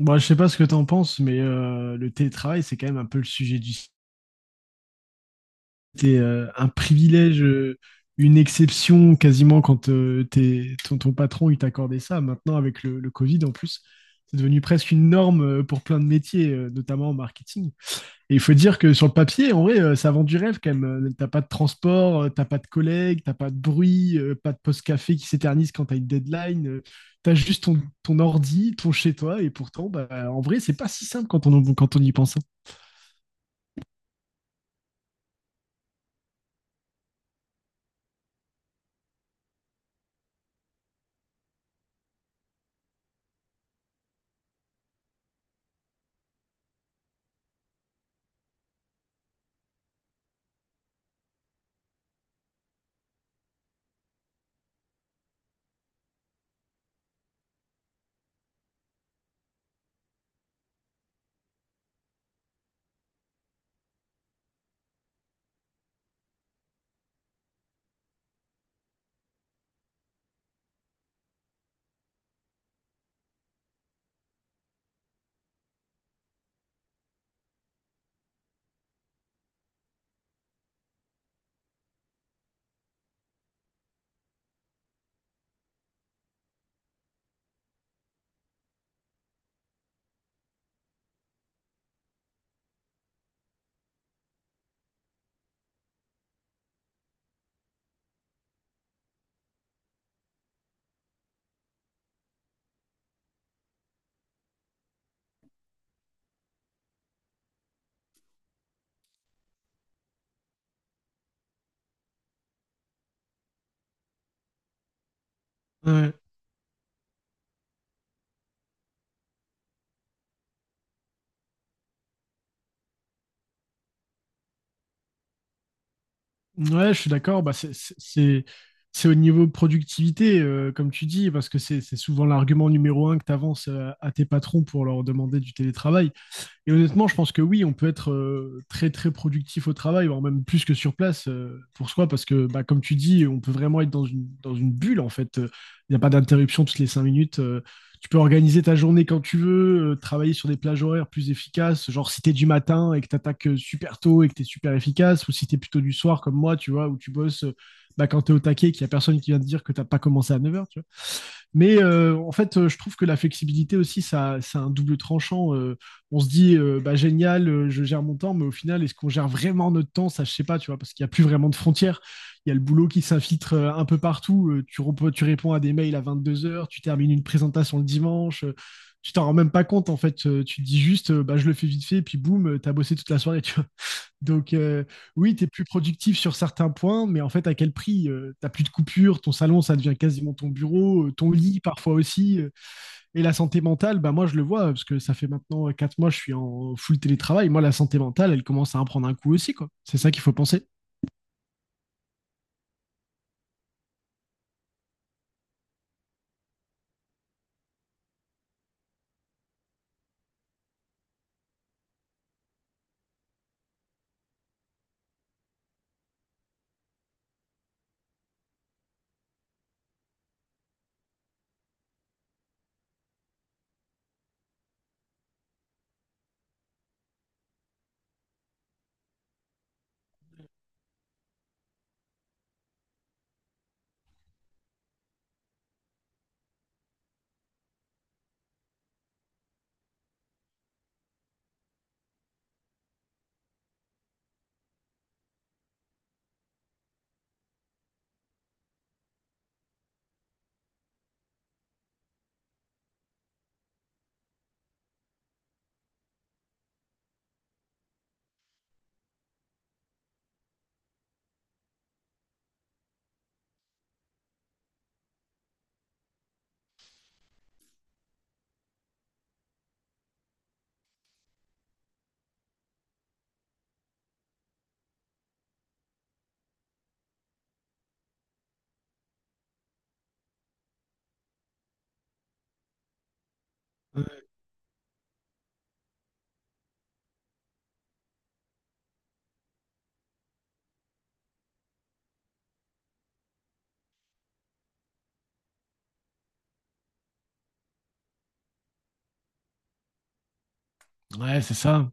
Bon, je sais pas ce que t'en penses, mais le télétravail, c'est quand même un peu le sujet du siècle. C'est un privilège, une exception quasiment quand ton, ton patron il t'accordait ça. Maintenant, avec le Covid en plus, c'est devenu presque une norme pour plein de métiers, notamment en marketing. Et il faut dire que sur le papier, en vrai, ça vend du rêve quand même. T'as pas de transport, t'as pas de collègues, t'as pas de bruit, pas de poste café qui s'éternise quand t'as une deadline. T'as juste ton, ton ordi, ton chez toi, et pourtant, bah, en vrai, c'est pas si simple quand quand on y pense, hein. Ouais. Ouais, je suis d'accord. Bah, c'est au niveau productivité, comme tu dis, parce que c'est souvent l'argument numéro un que tu avances à tes patrons pour leur demander du télétravail. Et honnêtement, je pense que oui, on peut être très très productif au travail, voire même plus que sur place pour soi, parce que bah, comme tu dis, on peut vraiment être dans dans une bulle en fait. Il n'y a pas d'interruption toutes les 5 minutes. Tu peux organiser ta journée quand tu veux, travailler sur des plages horaires plus efficaces, genre si t'es du matin et que t'attaques super tôt et que t'es super efficace, ou si t'es plutôt du soir comme moi, tu vois, où tu bosses bah, quand t'es au taquet, qu'il n'y a personne qui vient te dire que t'as pas commencé à 9 heures, tu vois. Mais je trouve que la flexibilité aussi, ça, c'est un double tranchant. On se dit, bah, génial, je gère mon temps, mais au final, est-ce qu'on gère vraiment notre temps? Ça, je sais pas, tu vois, parce qu'il n'y a plus vraiment de frontières. Il y a le boulot qui s'infiltre un peu partout. Tu réponds à des mails à 22 heures. Tu termines une présentation le dimanche. Tu t'en rends même pas compte, en fait. Tu te dis juste, bah, je le fais vite fait, et puis boum, t'as bossé toute la soirée, tu donc, euh, oui, tu es plus productif sur certains points, mais en fait, à quel prix? T'as plus de coupure, ton salon, ça devient quasiment ton bureau, ton lit parfois aussi. Et la santé mentale, bah, moi, je le vois, parce que ça fait maintenant 4 mois, je suis en full télétravail. Moi, la santé mentale, elle commence à en prendre un coup aussi, quoi. C'est ça qu'il faut penser. Ouais, ouais, c'est ça.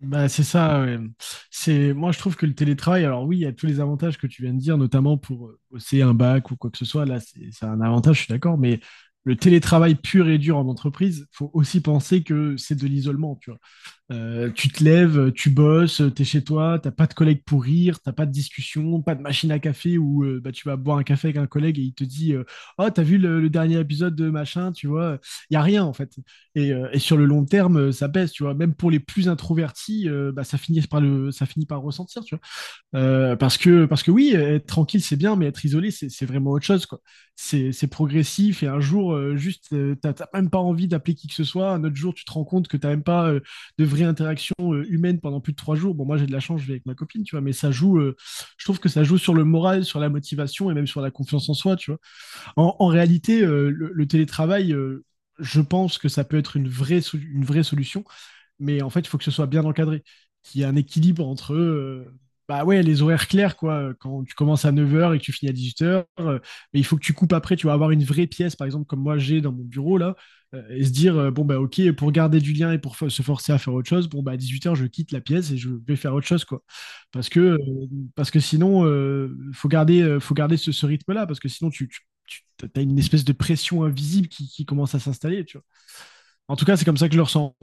Bah, c'est ça, ouais. C'est, moi, je trouve que le télétravail, alors oui, il y a tous les avantages que tu viens de dire, notamment pour bosser un bac ou quoi que ce soit. Là, c'est un avantage, je suis d'accord, mais le télétravail pur et dur en entreprise, faut aussi penser que c'est de l'isolement, tu vois. Tu te lèves, tu bosses, t'es chez toi, t'as pas de collègue pour rire, t'as pas de discussion, pas de machine à café où bah, tu vas boire un café avec un collègue et il te dit oh, t'as vu le dernier épisode de machin, tu vois. Il y a rien en fait. Et sur le long terme, ça baisse, tu vois. Même pour les plus introvertis, bah, ça finit par ressentir, tu vois. Parce que oui, être tranquille c'est bien, mais être isolé c'est vraiment autre chose quoi. C'est progressif et un jour juste t'as même pas envie d'appeler qui que ce soit. Un autre jour tu te rends compte que t'as même pas de vraie interaction humaine pendant plus de 3 jours. Bon moi j'ai de la chance, je vais avec ma copine tu vois, mais ça joue. Je trouve que ça joue sur le moral, sur la motivation et même sur la confiance en soi tu vois. En réalité le télétravail, je pense que ça peut être une vraie solution mais en fait, il faut que ce soit bien encadré, qu'il y ait un équilibre entre bah ouais, les horaires clairs, quoi. Quand tu commences à 9 heures et que tu finis à 18h, mais il faut que tu coupes après, tu vas avoir une vraie pièce, par exemple, comme moi j'ai dans mon bureau, là, et se dire, bon, bah ok, pour garder du lien et pour se forcer à faire autre chose, bon, bah à 18 heures je quitte la pièce et je vais faire autre chose, quoi. Parce que, euh, parce que sinon, il faut garder ce rythme-là, parce que sinon, tu as une espèce de pression invisible qui commence à s'installer, tu vois. En tout cas, c'est comme ça que je le ressens.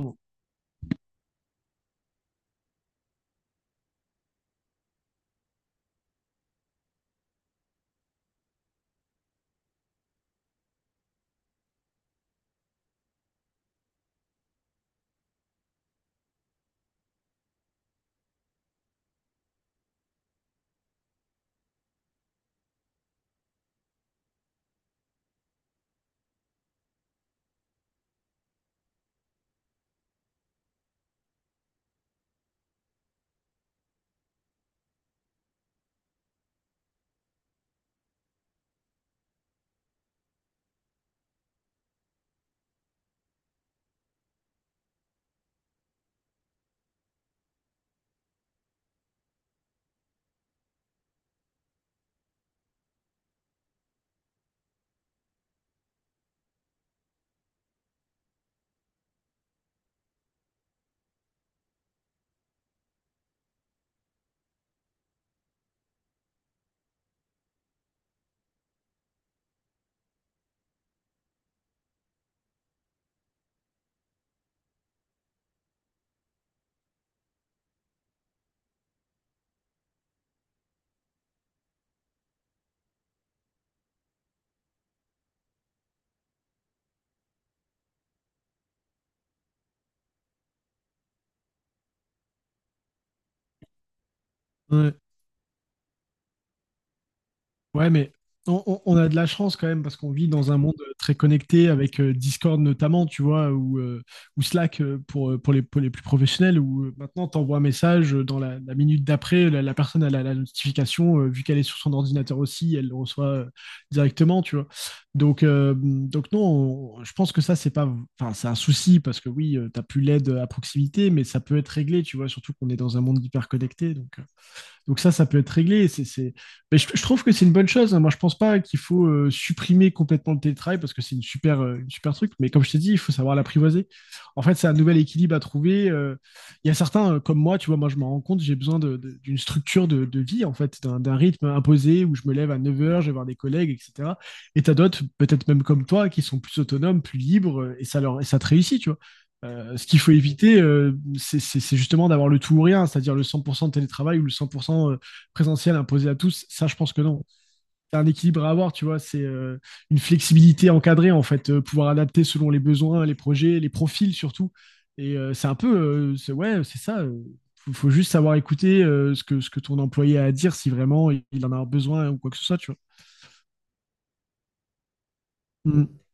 Ouais. Ouais, mais on a de la chance quand même parce qu'on vit dans un monde très connecté avec Discord notamment, tu vois, ou ou Slack pour les plus professionnels, où maintenant tu envoies un message dans la minute d'après, la personne elle a la notification, vu qu'elle est sur son ordinateur aussi, elle le reçoit directement, tu vois. Donc non, je pense que ça, c'est pas, enfin, c'est un souci parce que oui, tu t'as plus l'aide à proximité, mais ça peut être réglé, tu vois, surtout qu'on est dans un monde hyper connecté, donc. Donc ça peut être réglé. C'est... Mais je trouve que c'est une bonne chose, hein. Moi, je pense pas qu'il faut supprimer complètement le télétravail parce que c'est une super truc. Mais comme je t'ai dit, il faut savoir l'apprivoiser. En fait, c'est un nouvel équilibre à trouver. Il y a certains comme moi, tu vois, moi je me rends compte, j'ai besoin d'une structure de vie, en fait, d'un rythme imposé où je me lève à 9 heures, je vais voir des collègues, etc. Et t'as d'autres, peut-être même comme toi, qui sont plus autonomes, plus libres, et ça te réussit, tu vois. Ce qu'il faut éviter, c'est justement d'avoir le tout ou rien, c'est-à-dire le 100% de télétravail ou le 100% présentiel imposé à tous. Ça, je pense que non. C'est un équilibre à avoir, tu vois. C'est une flexibilité encadrée, en fait, pouvoir adapter selon les besoins, les projets, les profils surtout. Et c'est un peu, ouais, c'est ça. Faut juste savoir écouter ce que ton employé a à dire si vraiment il en a besoin ou quoi que ce soit, tu vois.